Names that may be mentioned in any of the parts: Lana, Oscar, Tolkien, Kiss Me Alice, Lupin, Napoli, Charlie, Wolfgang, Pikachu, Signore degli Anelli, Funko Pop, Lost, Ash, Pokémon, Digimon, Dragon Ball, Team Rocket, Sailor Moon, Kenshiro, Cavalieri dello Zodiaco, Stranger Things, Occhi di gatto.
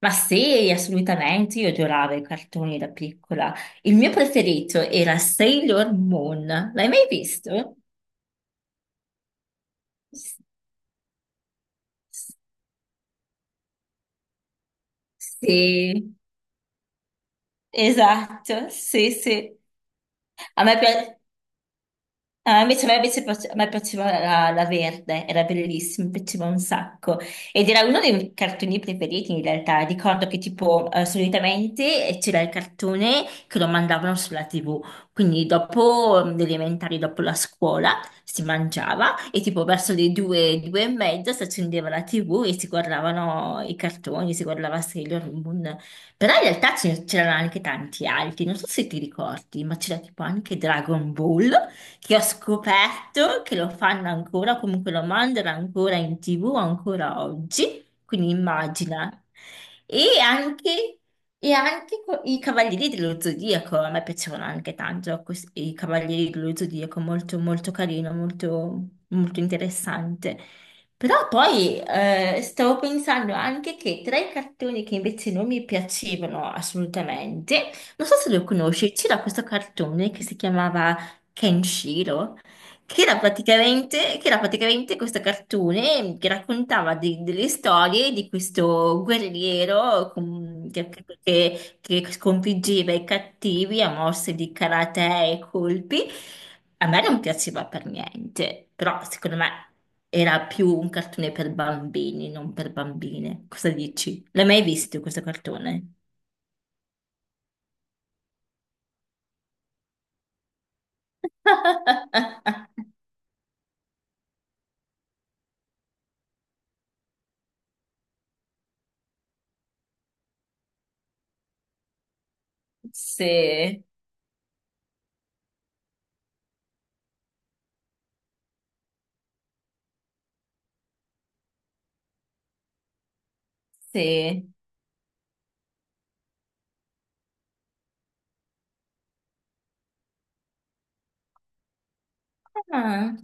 Ma sì, assolutamente, io adoravo i cartoni da piccola. Il mio preferito era Sailor Moon. L'hai mai visto? S- s- Sì, esatto, sì, sì. A me piace. Ah, invece a me, invece a me piaceva la verde, era bellissima, mi piaceva un sacco. Ed era uno dei miei cartoni preferiti in realtà. Ricordo che tipo solitamente c'era il cartone che lo mandavano sulla TV, quindi dopo le elementari, dopo la scuola, si mangiava e tipo verso le due, due e mezza si accendeva la TV e si guardavano i cartoni, si guardava Sailor Moon. Però in realtà c'erano anche tanti altri, non so se ti ricordi, ma c'era tipo anche Dragon Ball che ho scoperto che lo fanno ancora, comunque lo mandano ancora in TV ancora oggi, quindi immagina. E anche, e anche i Cavalieri dello Zodiaco, a me piacevano anche tanto i Cavalieri dello Zodiaco, molto molto carino, molto, molto interessante. Però poi stavo pensando anche che tra i cartoni che invece non mi piacevano assolutamente, non so se lo conosci, c'era questo cartone che si chiamava Kenshiro, che era praticamente questo cartone che raccontava delle storie di questo guerriero che sconfiggeva i cattivi a mosse di karate e colpi. A me non piaceva per niente, però secondo me era più un cartone per bambini, non per bambine. Cosa dici? L'hai mai visto questo cartone? Sì, sì. Ah.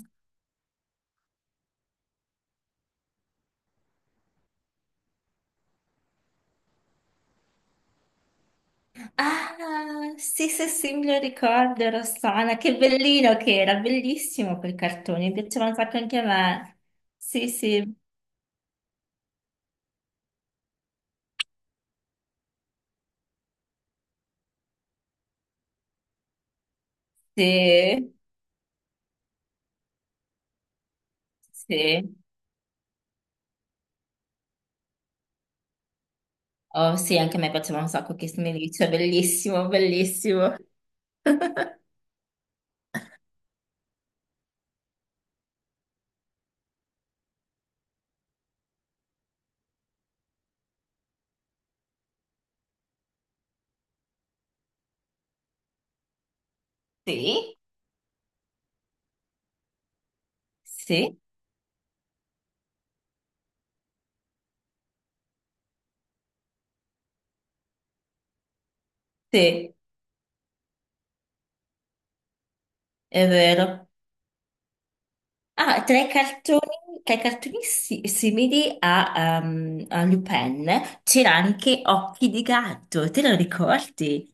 Ah, sì, sì, sì, me lo ricordo, Rossana, che bellino che era, bellissimo quel cartone, mi piaceva un sacco anche a me. Sì, sì, sì, sì. Oh, sì, anche a me piaceva un sacco Kiss Me Alice, bellissimo, bellissimo. Sì, sì, sì, è vero. Ah, tra i cartoni simili a, a Lupin c'era anche Occhi di gatto, te lo ricordi?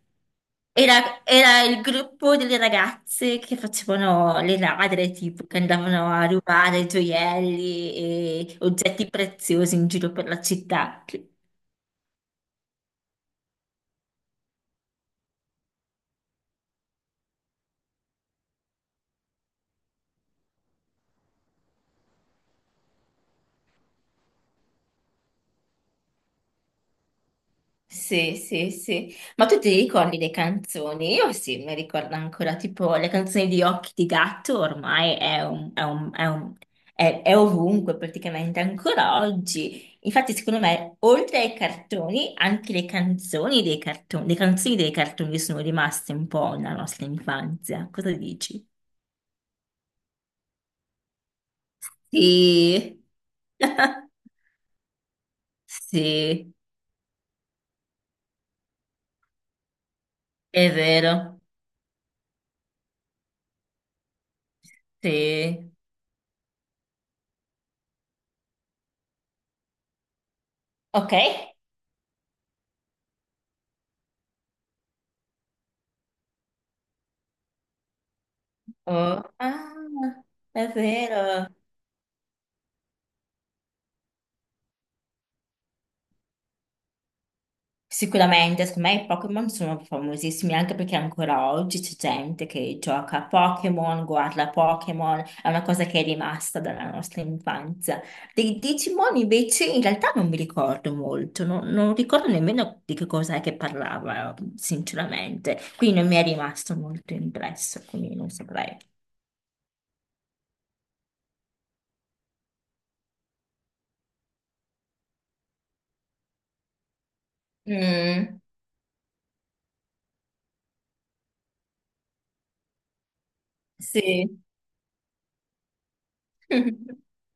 Era il gruppo delle ragazze che facevano le ladre, tipo, che andavano a rubare gioielli e oggetti preziosi in giro per la città. Sì, sì, sì. Ma tu ti ricordi le canzoni? Io sì, mi ricordo ancora, tipo le canzoni di Occhi di Gatto ormai è, un- è un- è un- è ovunque praticamente, ancora oggi. Infatti, secondo me, oltre ai cartoni, anche le canzoni dei cartoni, le canzoni dei cartoni sono rimaste un po' nella nostra infanzia. Cosa dici? Sì. Sì, è vero. Sì. Ok? Oh, ah, è vero. Sicuramente, secondo me i Pokémon sono famosissimi anche perché ancora oggi c'è gente che gioca a Pokémon, guarda a Pokémon, è una cosa che è rimasta dalla nostra infanzia. Dei Digimon invece in realtà non mi ricordo molto, non ricordo nemmeno di che cosa è che parlava, sinceramente. Quindi non mi è rimasto molto impresso, quindi non saprei. Mm, sì.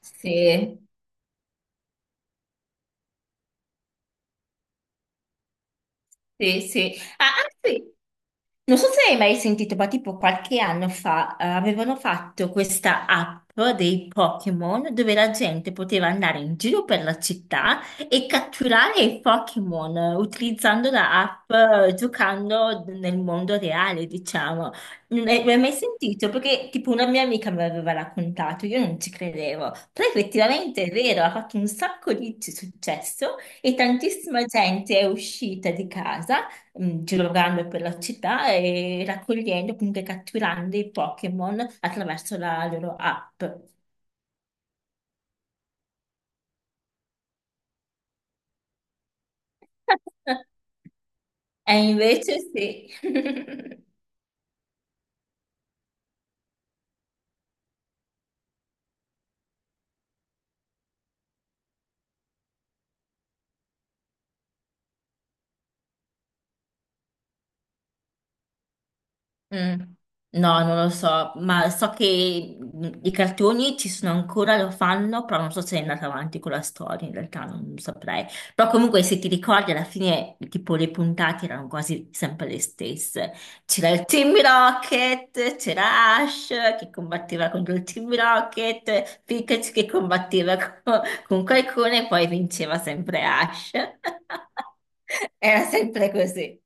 Sì, sì, sì. Ah, ah, sì. Non so se hai mai sentito, ma tipo qualche anno fa, avevano fatto questa app dei Pokémon dove la gente poteva andare in giro per la città e catturare i Pokémon utilizzando la app, giocando nel mondo reale, diciamo. Non hai mai sentito? Perché tipo una mia amica me l'aveva raccontato, io non ci credevo. Però effettivamente è vero, ha fatto un sacco di successo e tantissima gente è uscita di casa girando per la città e raccogliendo, comunque catturando i Pokémon attraverso la loro app. E invece sì. Mm. No, non lo so, ma so che i cartoni ci sono ancora, lo fanno, però non so se è andata avanti con la storia, in realtà non saprei. Però comunque se ti ricordi alla fine tipo le puntate erano quasi sempre le stesse. C'era il Team Rocket, c'era Ash che combatteva contro il Team Rocket, Pikachu che combatteva co- con qualcuno e poi vinceva sempre Ash. Era sempre così.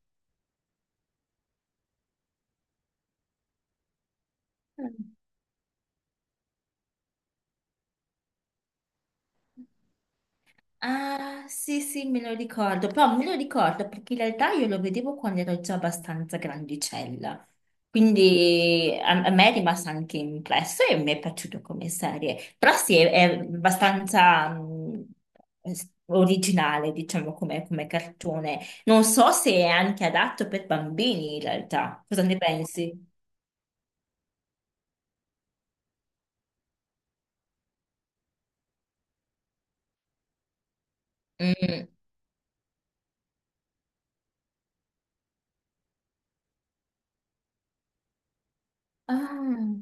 Ah, sì, sì, me lo ricordo, però me lo ricordo perché in realtà io lo vedevo quando ero già abbastanza grandicella, quindi a me è rimasto anche impresso e mi è piaciuto come serie, però sì, è abbastanza originale, diciamo, come, come cartone. Non so se è anche adatto per bambini in realtà, cosa ne pensi? Mm. Ah.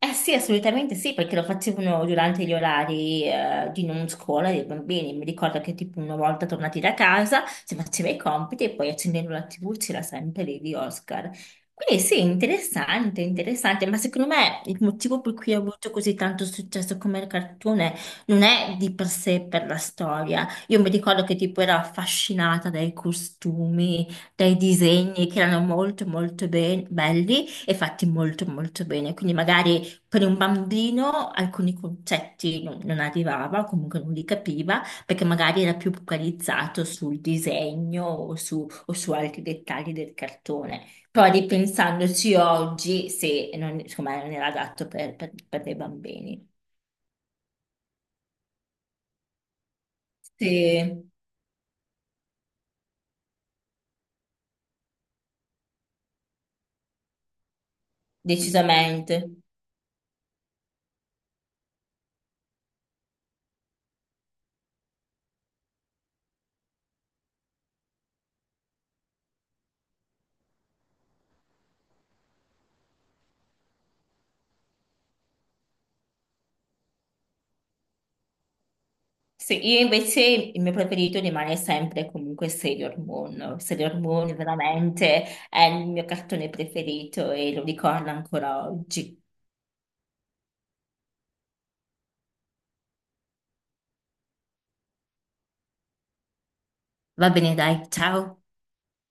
Eh sì, assolutamente sì, perché lo facevano durante gli orari di non scuola dei bambini. Mi ricordo che tipo una volta tornati da casa si faceva i compiti e poi accendendo la TV c'era sempre lì di Oscar. Quindi sì, interessante, interessante, ma secondo me il motivo per cui ha avuto così tanto successo come il cartone non è di per sé per la storia. Io mi ricordo che tipo ero affascinata dai costumi, dai disegni che erano molto molto belli e fatti molto molto bene. Quindi magari per un bambino alcuni concetti non arrivava, comunque non li capiva, perché magari era più focalizzato sul disegno o su altri dettagli del cartone. Però ripensandoci oggi, sì, non, insomma, non era adatto per dei bambini. Sì, decisamente. Sì, io invece il mio preferito rimane sempre comunque Sailor Moon. Sailor Moon veramente è il mio cartone preferito e lo ricordo ancora oggi. Va bene, dai, ciao.